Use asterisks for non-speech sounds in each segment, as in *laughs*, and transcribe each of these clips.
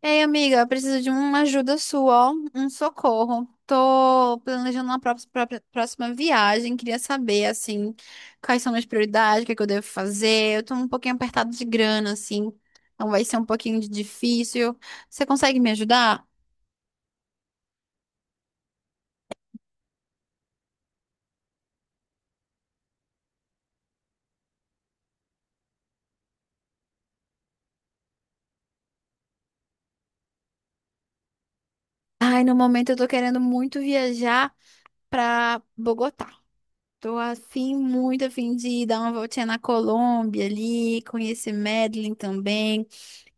Ei, amiga, eu preciso de uma ajuda sua, ó, um socorro. Tô planejando uma próxima viagem, queria saber, assim, quais são minhas prioridades, o que é que eu devo fazer. Eu tô um pouquinho apertado de grana, assim, então vai ser um pouquinho de difícil. Você consegue me ajudar? Ai, no momento eu tô querendo muito viajar pra Bogotá. Tô afim, muito afim de dar uma voltinha na Colômbia ali, conhecer Medellín também.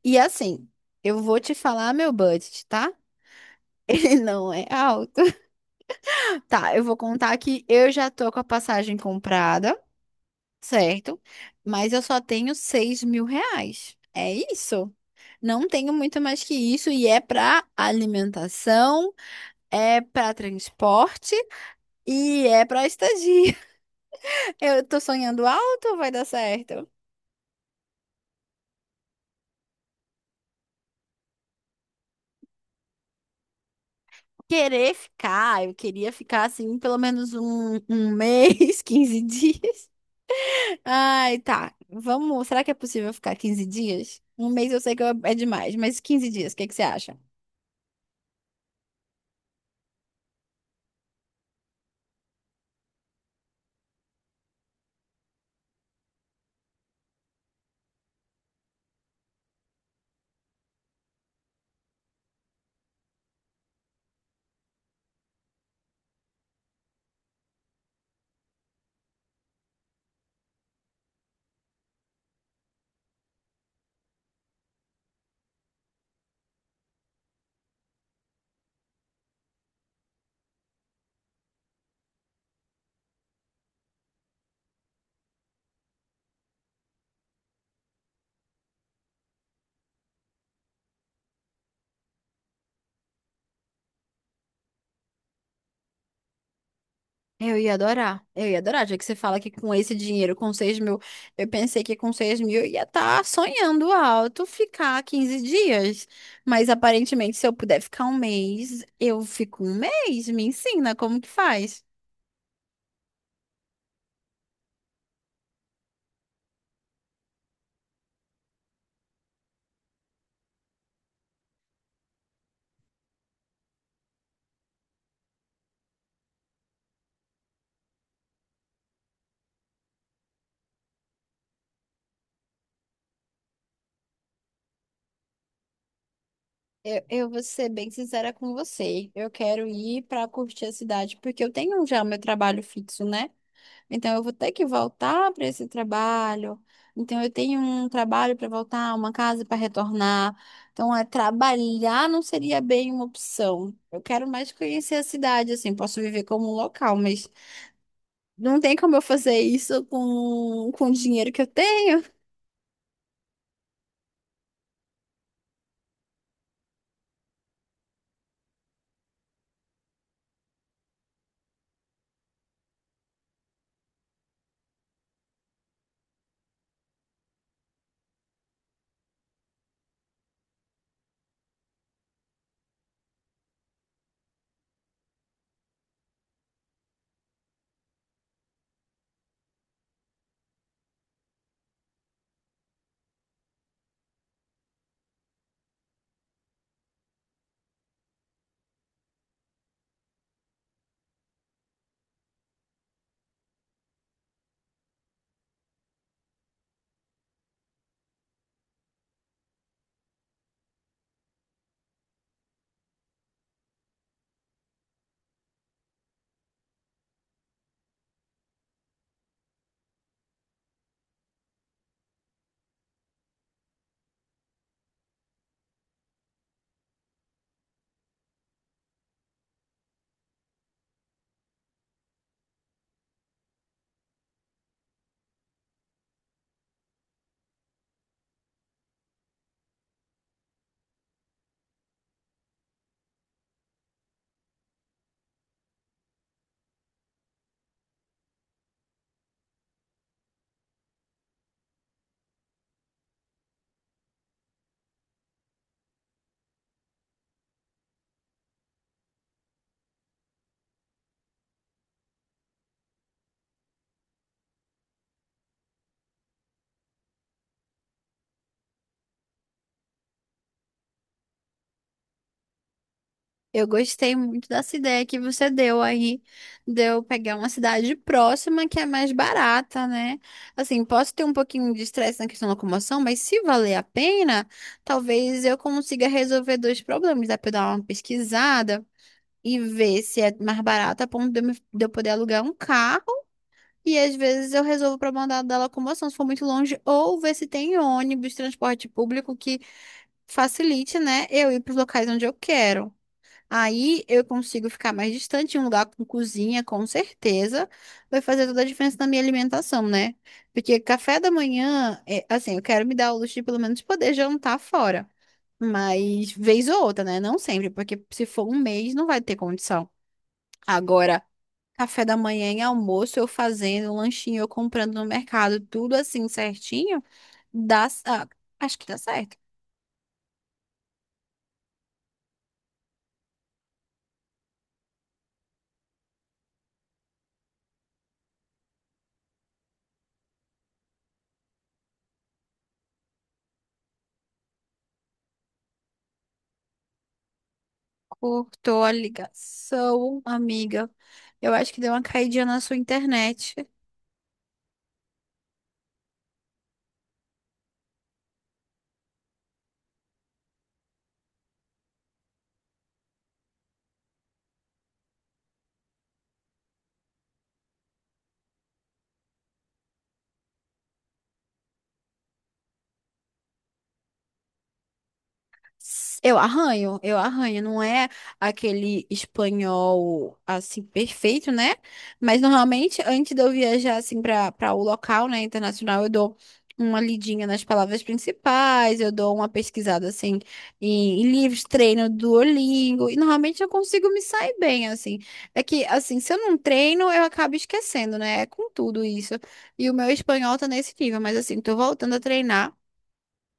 E assim, eu vou te falar meu budget, tá? Ele não é alto. Tá, eu vou contar que eu já tô com a passagem comprada, certo? Mas eu só tenho R$ 6.000. É isso. Não tenho muito mais que isso. E é pra alimentação, é pra transporte e é pra estadia. *laughs* Eu tô sonhando alto, vai dar certo. Querer ficar, eu queria ficar assim pelo menos um mês, *laughs* 15 dias. Ai, tá. Vamos. Será que é possível ficar 15 dias? Um mês eu sei que é demais, mas 15 dias, o que que você acha? Eu ia adorar. Eu ia adorar, já que você fala que com esse dinheiro, com 6.000, eu pensei que com 6.000 eu ia estar sonhando alto ficar 15 dias. Mas aparentemente, se eu puder ficar um mês, eu fico um mês. Me ensina como que faz. Eu vou ser bem sincera com você. Eu quero ir para curtir a cidade, porque eu tenho já o meu trabalho fixo, né? Então eu vou ter que voltar para esse trabalho. Então eu tenho um trabalho para voltar, uma casa para retornar. Então é trabalhar não seria bem uma opção. Eu quero mais conhecer a cidade, assim, posso viver como um local, mas não tem como eu fazer isso com o dinheiro que eu tenho. Eu gostei muito dessa ideia que você deu aí, de eu pegar uma cidade próxima que é mais barata, né? Assim, posso ter um pouquinho de estresse na questão da locomoção, mas se valer a pena, talvez eu consiga resolver dois problemas. Dá pra eu dar uma pesquisada e ver se é mais barato a ponto de de eu poder alugar um carro. E às vezes eu resolvo o problema da locomoção, se for muito longe, ou ver se tem ônibus, transporte público que facilite, né, eu ir para os locais onde eu quero. Aí eu consigo ficar mais distante em um lugar com cozinha, com certeza, vai fazer toda a diferença na minha alimentação, né? Porque café da manhã, assim, eu quero me dar o luxo de pelo menos poder jantar fora. Mas vez ou outra, né? Não sempre, porque se for um mês não vai ter condição. Agora, café da manhã e almoço, eu fazendo um lanchinho, eu comprando no mercado, tudo assim certinho, dá, ah, acho que dá certo. Cortou a ligação, amiga. Eu acho que deu uma caidinha na sua internet. Eu arranho, eu arranho. Não é aquele espanhol assim perfeito, né? Mas normalmente, antes de eu viajar assim para o local, né, internacional, eu dou uma lidinha nas palavras principais, eu dou uma pesquisada assim em livros, treino Duolingo, e normalmente eu consigo me sair bem assim. É que assim, se eu não treino, eu acabo esquecendo, né? É com tudo isso. E o meu espanhol tá nesse nível, mas assim, tô voltando a treinar.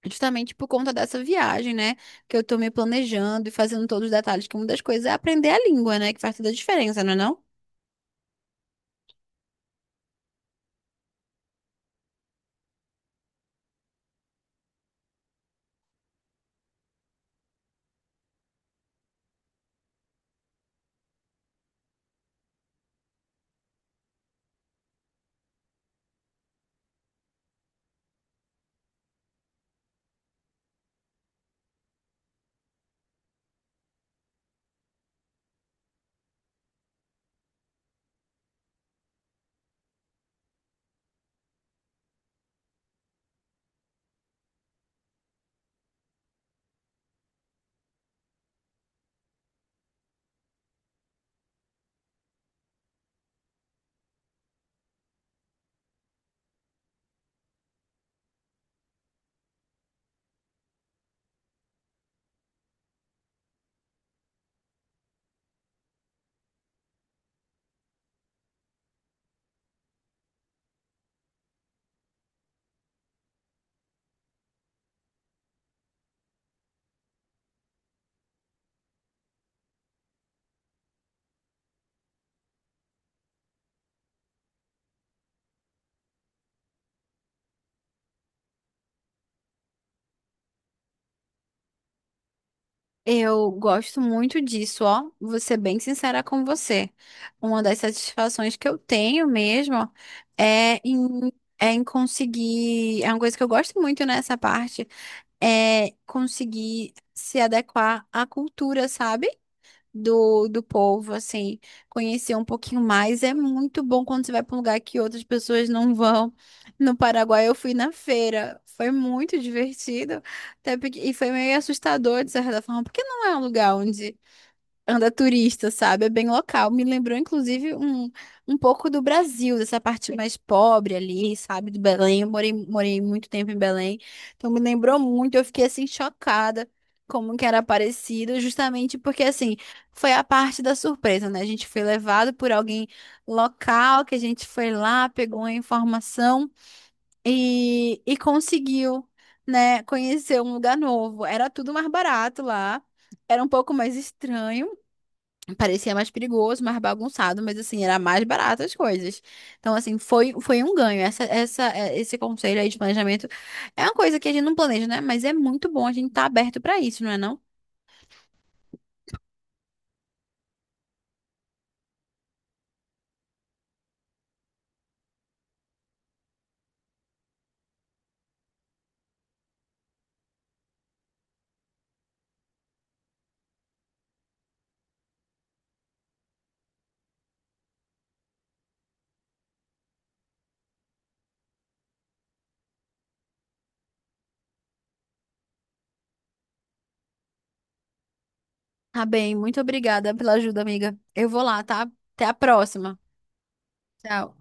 Justamente por conta dessa viagem, né? Que eu tô me planejando e fazendo todos os detalhes, que uma das coisas é aprender a língua, né? Que faz toda a diferença, não é não? Eu gosto muito disso, ó. Vou ser bem sincera com você. Uma das satisfações que eu tenho mesmo é em, é em conseguir. É uma coisa que eu gosto muito nessa parte, é conseguir se adequar à cultura, sabe? do povo, assim, conhecer um pouquinho mais. É muito bom quando você vai para um lugar que outras pessoas não vão. No Paraguai eu fui na feira, foi muito divertido, até porque, e foi meio assustador de certa forma, porque não é um lugar onde anda turista, sabe? É bem local. Me lembrou, inclusive, um pouco do Brasil, dessa parte mais pobre ali, sabe? Do Belém. Eu morei muito tempo em Belém. Então, me lembrou muito. Eu fiquei, assim, chocada como que era parecido, justamente porque, assim, foi a parte da surpresa, né? A gente foi levado por alguém local, que a gente foi lá, pegou a informação e conseguiu, né, conhecer um lugar novo. Era tudo mais barato lá. Era um pouco mais estranho, parecia mais perigoso, mais bagunçado, mas assim, era mais barato as coisas. Então, assim, foi, foi um ganho. Esse conselho aí de planejamento é uma coisa que a gente não planeja, né? Mas é muito bom a gente estar aberto para isso, não é não? Tá bem, muito obrigada pela ajuda, amiga. Eu vou lá, tá? Até a próxima. Tchau.